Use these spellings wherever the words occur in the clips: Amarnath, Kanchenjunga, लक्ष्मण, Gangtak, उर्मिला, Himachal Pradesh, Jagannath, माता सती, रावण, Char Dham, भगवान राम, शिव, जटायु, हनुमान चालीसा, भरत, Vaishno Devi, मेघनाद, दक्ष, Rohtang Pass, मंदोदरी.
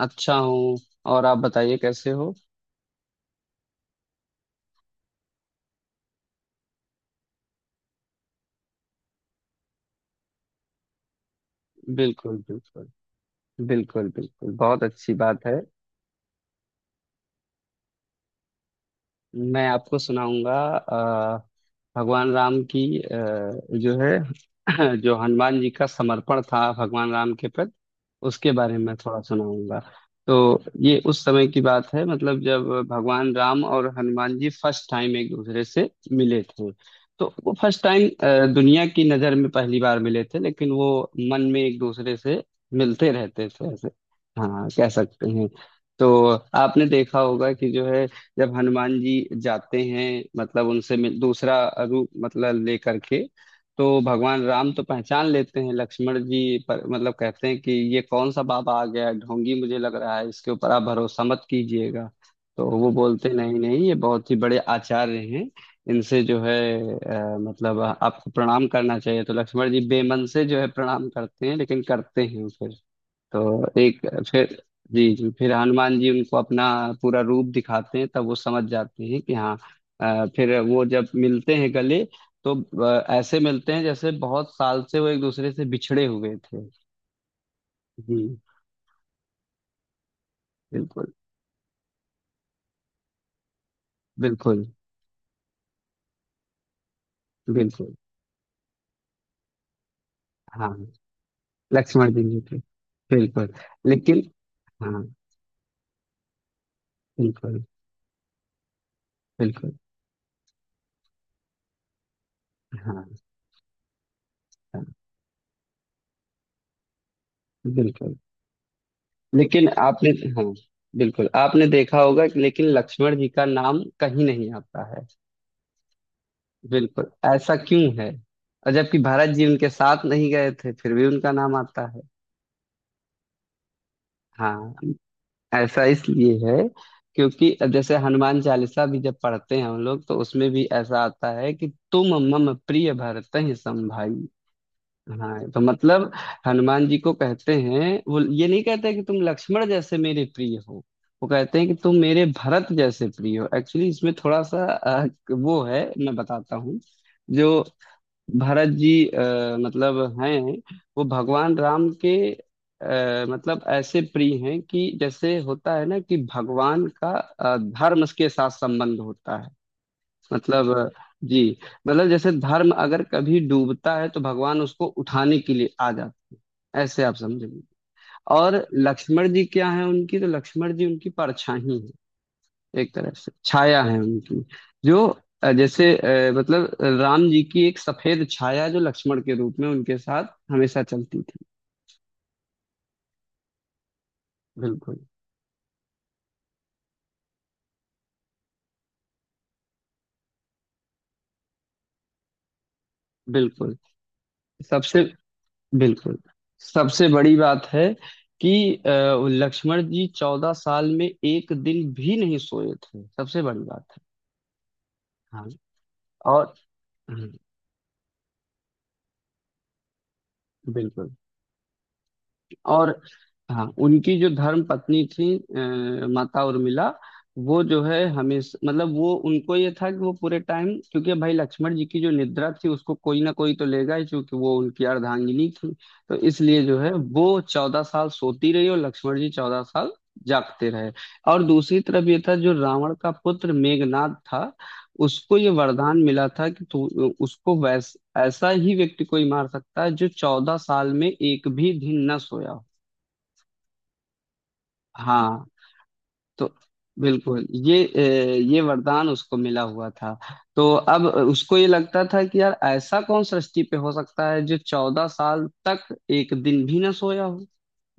अच्छा हूँ। और आप बताइए कैसे हो। बिल्कुल बिल्कुल। बिल्कुल बिल्कुल, बहुत अच्छी बात है। मैं आपको सुनाऊंगा भगवान राम की, जो है जो हनुमान जी का समर्पण था भगवान राम के प्रति, उसके बारे में मैं थोड़ा सुनाऊंगा। तो ये उस समय की बात है मतलब जब भगवान राम और हनुमान जी फर्स्ट टाइम एक दूसरे से मिले थे। तो वो फर्स्ट टाइम दुनिया की नज़र में पहली बार मिले थे, लेकिन वो मन में एक दूसरे से मिलते रहते थे ऐसे। हाँ, कह सकते हैं। तो आपने देखा होगा कि जो है जब हनुमान जी जाते हैं मतलब उनसे मिल, दूसरा रूप मतलब लेकर के, तो भगवान राम तो पहचान लेते हैं, लक्ष्मण जी पर मतलब कहते हैं कि ये कौन सा बाबा आ गया है? ढोंगी मुझे लग रहा है, इसके ऊपर आप भरोसा मत कीजिएगा। तो वो बोलते नहीं नहीं, ये बहुत ही बड़े आचार्य हैं, इनसे जो है मतलब आपको प्रणाम करना चाहिए। तो लक्ष्मण जी बेमन से जो है प्रणाम करते हैं, लेकिन करते हैं। तो एक, फिर, जी जी, फिर हनुमान जी उनको अपना पूरा रूप दिखाते हैं, तब वो समझ जाते हैं कि हाँ। फिर वो जब मिलते हैं गले, तो ऐसे मिलते हैं जैसे बहुत साल से वो एक दूसरे से बिछड़े हुए थे। जी बिल्कुल बिल्कुल। बिल्कुल हाँ, लक्ष्मण जी जी थे। बिल्कुल, लेकिन। हाँ, बिल्कुल बिल्कुल। हाँ हाँ, बिल्कुल, लेकिन आपने। हाँ, बिल्कुल, आपने देखा होगा कि लेकिन लक्ष्मण जी का नाम कहीं नहीं आता है। बिल्कुल, ऐसा क्यों है? और जबकि भारत जी उनके साथ नहीं गए थे, फिर भी उनका नाम आता है। हाँ, ऐसा इसलिए है क्योंकि जैसे हनुमान चालीसा भी जब पढ़ते हैं हम लोग, तो उसमें भी ऐसा आता है कि तुम मम प्रिय भरतहि सम भाई। हाँ, तो मतलब हनुमान जी को कहते हैं, वो ये नहीं कहते कि तुम लक्ष्मण जैसे मेरे प्रिय हो। वो कहते हैं कि तुम मेरे भरत जैसे प्रिय हो। एक्चुअली इसमें थोड़ा सा वो है, मैं बताता हूँ। जो भरत जी मतलब हैं, वो भगवान राम के मतलब ऐसे प्रिय हैं कि जैसे होता है ना कि भगवान का धर्म के साथ संबंध होता है। मतलब जी, मतलब जैसे धर्म अगर कभी डूबता है तो भगवान उसको उठाने के लिए आ जाते हैं। ऐसे आप समझिए। और लक्ष्मण जी क्या है, उनकी, तो लक्ष्मण जी उनकी परछाई हैं, एक तरह से छाया है उनकी। जो जैसे, मतलब राम जी की एक सफेद छाया जो लक्ष्मण के रूप में उनके साथ हमेशा चलती थी। बिल्कुल बिल्कुल। सबसे, बिल्कुल, सबसे बड़ी बात है कि लक्ष्मण जी चौदह साल में एक दिन भी नहीं सोए थे, सबसे बड़ी बात है। हाँ, और हम्म, बिल्कुल। और हाँ, उनकी जो धर्म पत्नी थी माता उर्मिला, वो जो है हमेशा मतलब वो, उनको ये था कि वो पूरे टाइम, क्योंकि भाई लक्ष्मण जी की जो निद्रा थी उसको कोई ना कोई तो लेगा ही, क्योंकि वो उनकी अर्धांगिनी थी। तो इसलिए जो है वो चौदह साल सोती रही और लक्ष्मण जी चौदह साल जागते रहे। और दूसरी तरफ ये था, जो रावण का पुत्र मेघनाद था, उसको ये वरदान मिला था कि तू, उसको वैस ऐसा ही व्यक्ति कोई मार सकता है जो चौदह साल में एक भी दिन न सोया। हाँ, तो बिल्कुल ये ये वरदान उसको मिला हुआ था। तो अब उसको ये लगता था कि यार ऐसा कौन सृष्टि पे हो सकता है जो चौदह साल तक एक दिन भी ना सोया हो,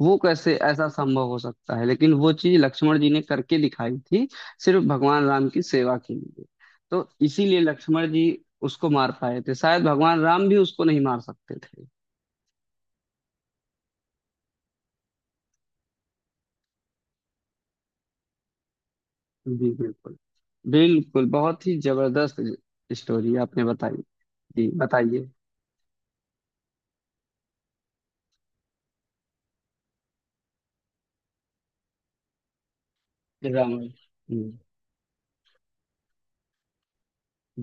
वो कैसे ऐसा संभव हो सकता है। लेकिन वो चीज लक्ष्मण जी ने करके दिखाई थी, सिर्फ भगवान राम की सेवा के लिए। तो इसीलिए लक्ष्मण जी उसको मार पाए थे, शायद भगवान राम भी उसको नहीं मार सकते। जी बिल्कुल। बिल्कुल बहुत ही जबरदस्त स्टोरी आपने बताई। जी बताइए। राम।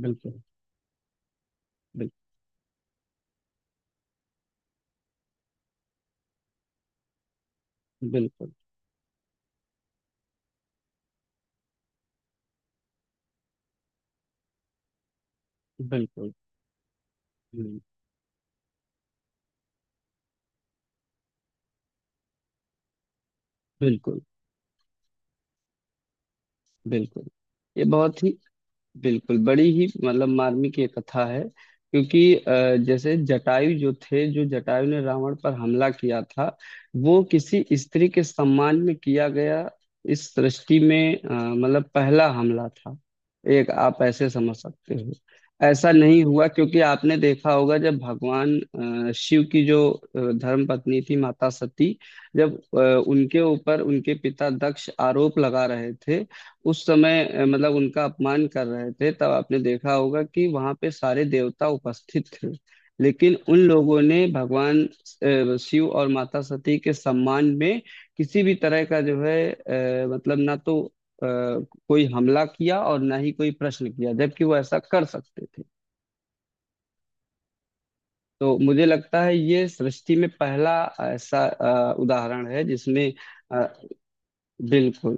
बिल्कुल बिल्कुल। बिल्कुल बिल्कुल। हम्म, बिल्कुल बिल्कुल, ये बहुत ही बिल्कुल बड़ी ही मतलब मार्मिक ये कथा है। क्योंकि जैसे जटायु जो थे, जो जटायु ने रावण पर हमला किया था, वो किसी स्त्री के सम्मान में किया गया, इस सृष्टि में मतलब पहला हमला था, एक आप ऐसे समझ सकते हो। ऐसा नहीं हुआ, क्योंकि आपने देखा होगा जब भगवान शिव की जो धर्म पत्नी थी माता सती, जब उनके ऊपर उनके पिता दक्ष आरोप लगा रहे थे उस समय मतलब उनका अपमान कर रहे थे, तब आपने देखा होगा कि वहां पे सारे देवता उपस्थित थे, लेकिन उन लोगों ने भगवान शिव और माता सती के सम्मान में किसी भी तरह का जो है मतलब ना तो अ, कोई हमला किया और ना ही कोई प्रश्न किया, जबकि वो ऐसा कर सकते थे। तो मुझे लगता है ये सृष्टि में पहला ऐसा उदाहरण है जिसमें अ, बिल्कुल।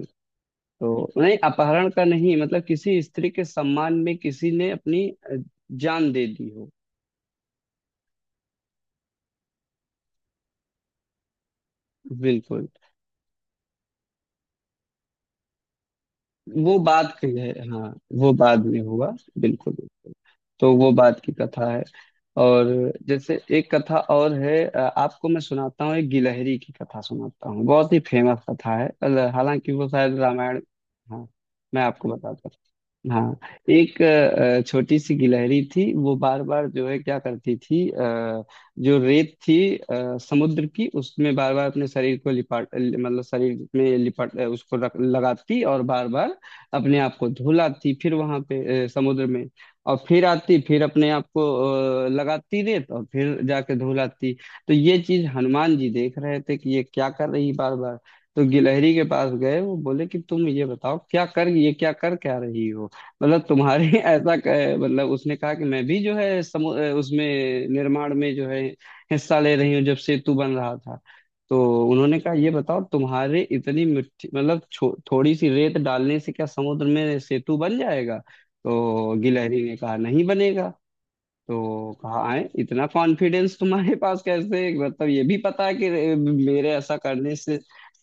तो नहीं, अपहरण का नहीं, मतलब किसी स्त्री के सम्मान में किसी ने अपनी जान दे दी हो। बिल्कुल, वो बाद की है। हाँ, वो बाद में हुआ, बिल्कुल बिल्कुल। तो वो बाद की कथा है। और जैसे एक कथा और है, आपको मैं सुनाता हूँ, एक गिलहरी की कथा सुनाता हूँ, बहुत ही फेमस कथा है। हालांकि वो शायद रामायण। हाँ, मैं आपको बताता हूँ। हाँ। एक छोटी सी गिलहरी थी, वो बार बार जो है क्या करती थी, जो रेत थी समुद्र की, उसमें बार बार अपने शरीर को लिपाट, मतलब शरीर में लिपाट उसको रख लगाती, और बार बार अपने आप को धुलाती फिर वहां पे समुद्र में। और फिर आती फिर अपने आप को लगाती रेत और फिर जाके धुलाती। तो ये चीज हनुमान जी देख रहे थे कि ये क्या कर रही बार बार। तो गिलहरी के पास गए वो, बोले कि तुम ये बताओ क्या कर, ये क्या कर क्या रही हो, मतलब तुम्हारे ऐसा मतलब। उसने कहा कि मैं भी जो है उसमें निर्माण में जो है हिस्सा ले रही हूँ जब सेतु बन रहा था। तो उन्होंने कहा ये बताओ तुम्हारे इतनी मिट्टी, मतलब थोड़ी सी रेत डालने से क्या समुद्र में सेतु बन जाएगा? तो गिलहरी ने कहा नहीं बनेगा। तो कहा आए इतना कॉन्फिडेंस तुम्हारे पास कैसे, मतलब ये भी पता है कि मेरे ऐसा करने से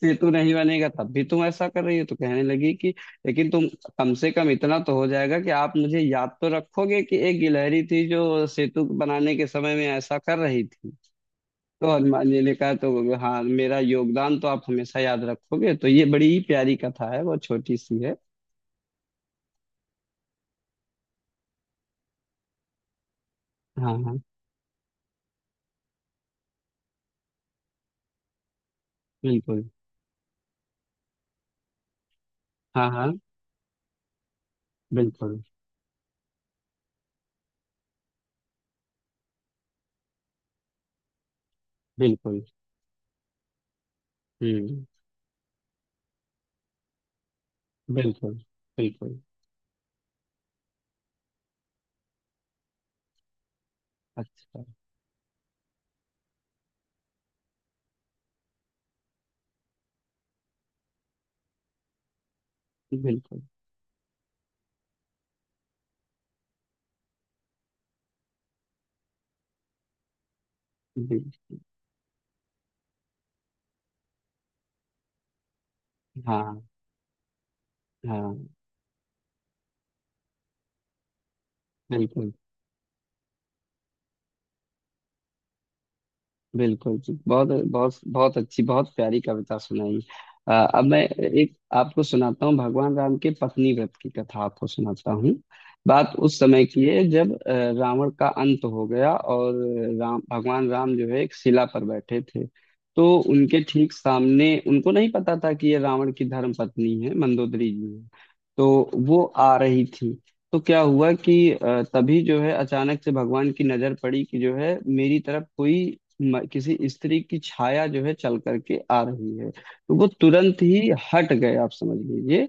सेतु नहीं बनेगा तब भी तुम ऐसा कर रही हो। तो कहने लगी कि लेकिन तुम, कम से कम इतना तो हो जाएगा कि आप मुझे याद तो रखोगे कि एक गिलहरी थी जो सेतु बनाने के समय में ऐसा कर रही थी। तो हनुमान जी ने कहा तो हाँ, मेरा योगदान तो आप हमेशा याद रखोगे। तो ये बड़ी प्यारी कथा है, बहुत छोटी सी है। हाँ हाँ, बिल्कुल। हाँ हाँ, बिल्कुल बिल्कुल। हम्म, बिल्कुल बिल्कुल। अच्छा, बिल्कुल बिल्कुल। हाँ हाँ, बिल्कुल बिल्कुल। जी बहुत बहुत बहुत अच्छी, बहुत प्यारी कविता सुनाई। अब मैं एक आपको सुनाता हूँ, भगवान राम के पत्नी व्रत की कथा आपको सुनाता हूँ। बात उस समय की है जब रावण का अंत हो गया, और राम, भगवान राम जो है एक शिला पर बैठे थे। तो उनके ठीक सामने, उनको नहीं पता था कि ये रावण की धर्म पत्नी है, मंदोदरी जी है। तो वो आ रही थी। तो क्या हुआ कि तभी जो है अचानक से भगवान की नजर पड़ी कि जो है मेरी तरफ कोई किसी स्त्री की छाया जो है चल करके आ रही है। तो वो तुरंत ही हट गए, आप समझ लीजिए।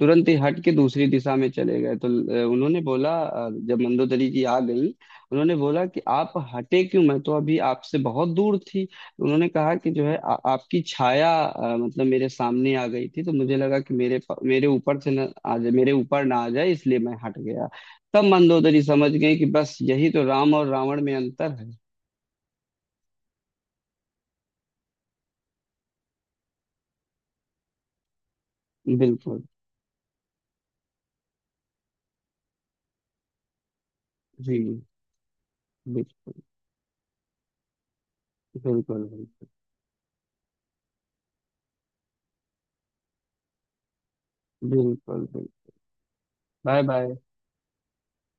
तुरंत ही हट के दूसरी दिशा में चले गए। तो उन्होंने बोला, जब मंदोदरी जी आ गई, उन्होंने बोला कि आप हटे क्यों, मैं तो अभी आपसे बहुत दूर थी। उन्होंने कहा कि जो है आपकी छाया मतलब मेरे सामने आ गई थी, तो मुझे लगा कि मेरे मेरे ऊपर से ना आ जाए, मेरे ऊपर ना आ जाए, इसलिए मैं हट गया। तब मंदोदरी समझ गई कि बस यही तो राम और रावण में अंतर है। बिल्कुल। जी, बिल्कुल बिल्कुल। बिल्कुल बिल्कुल। Bye bye.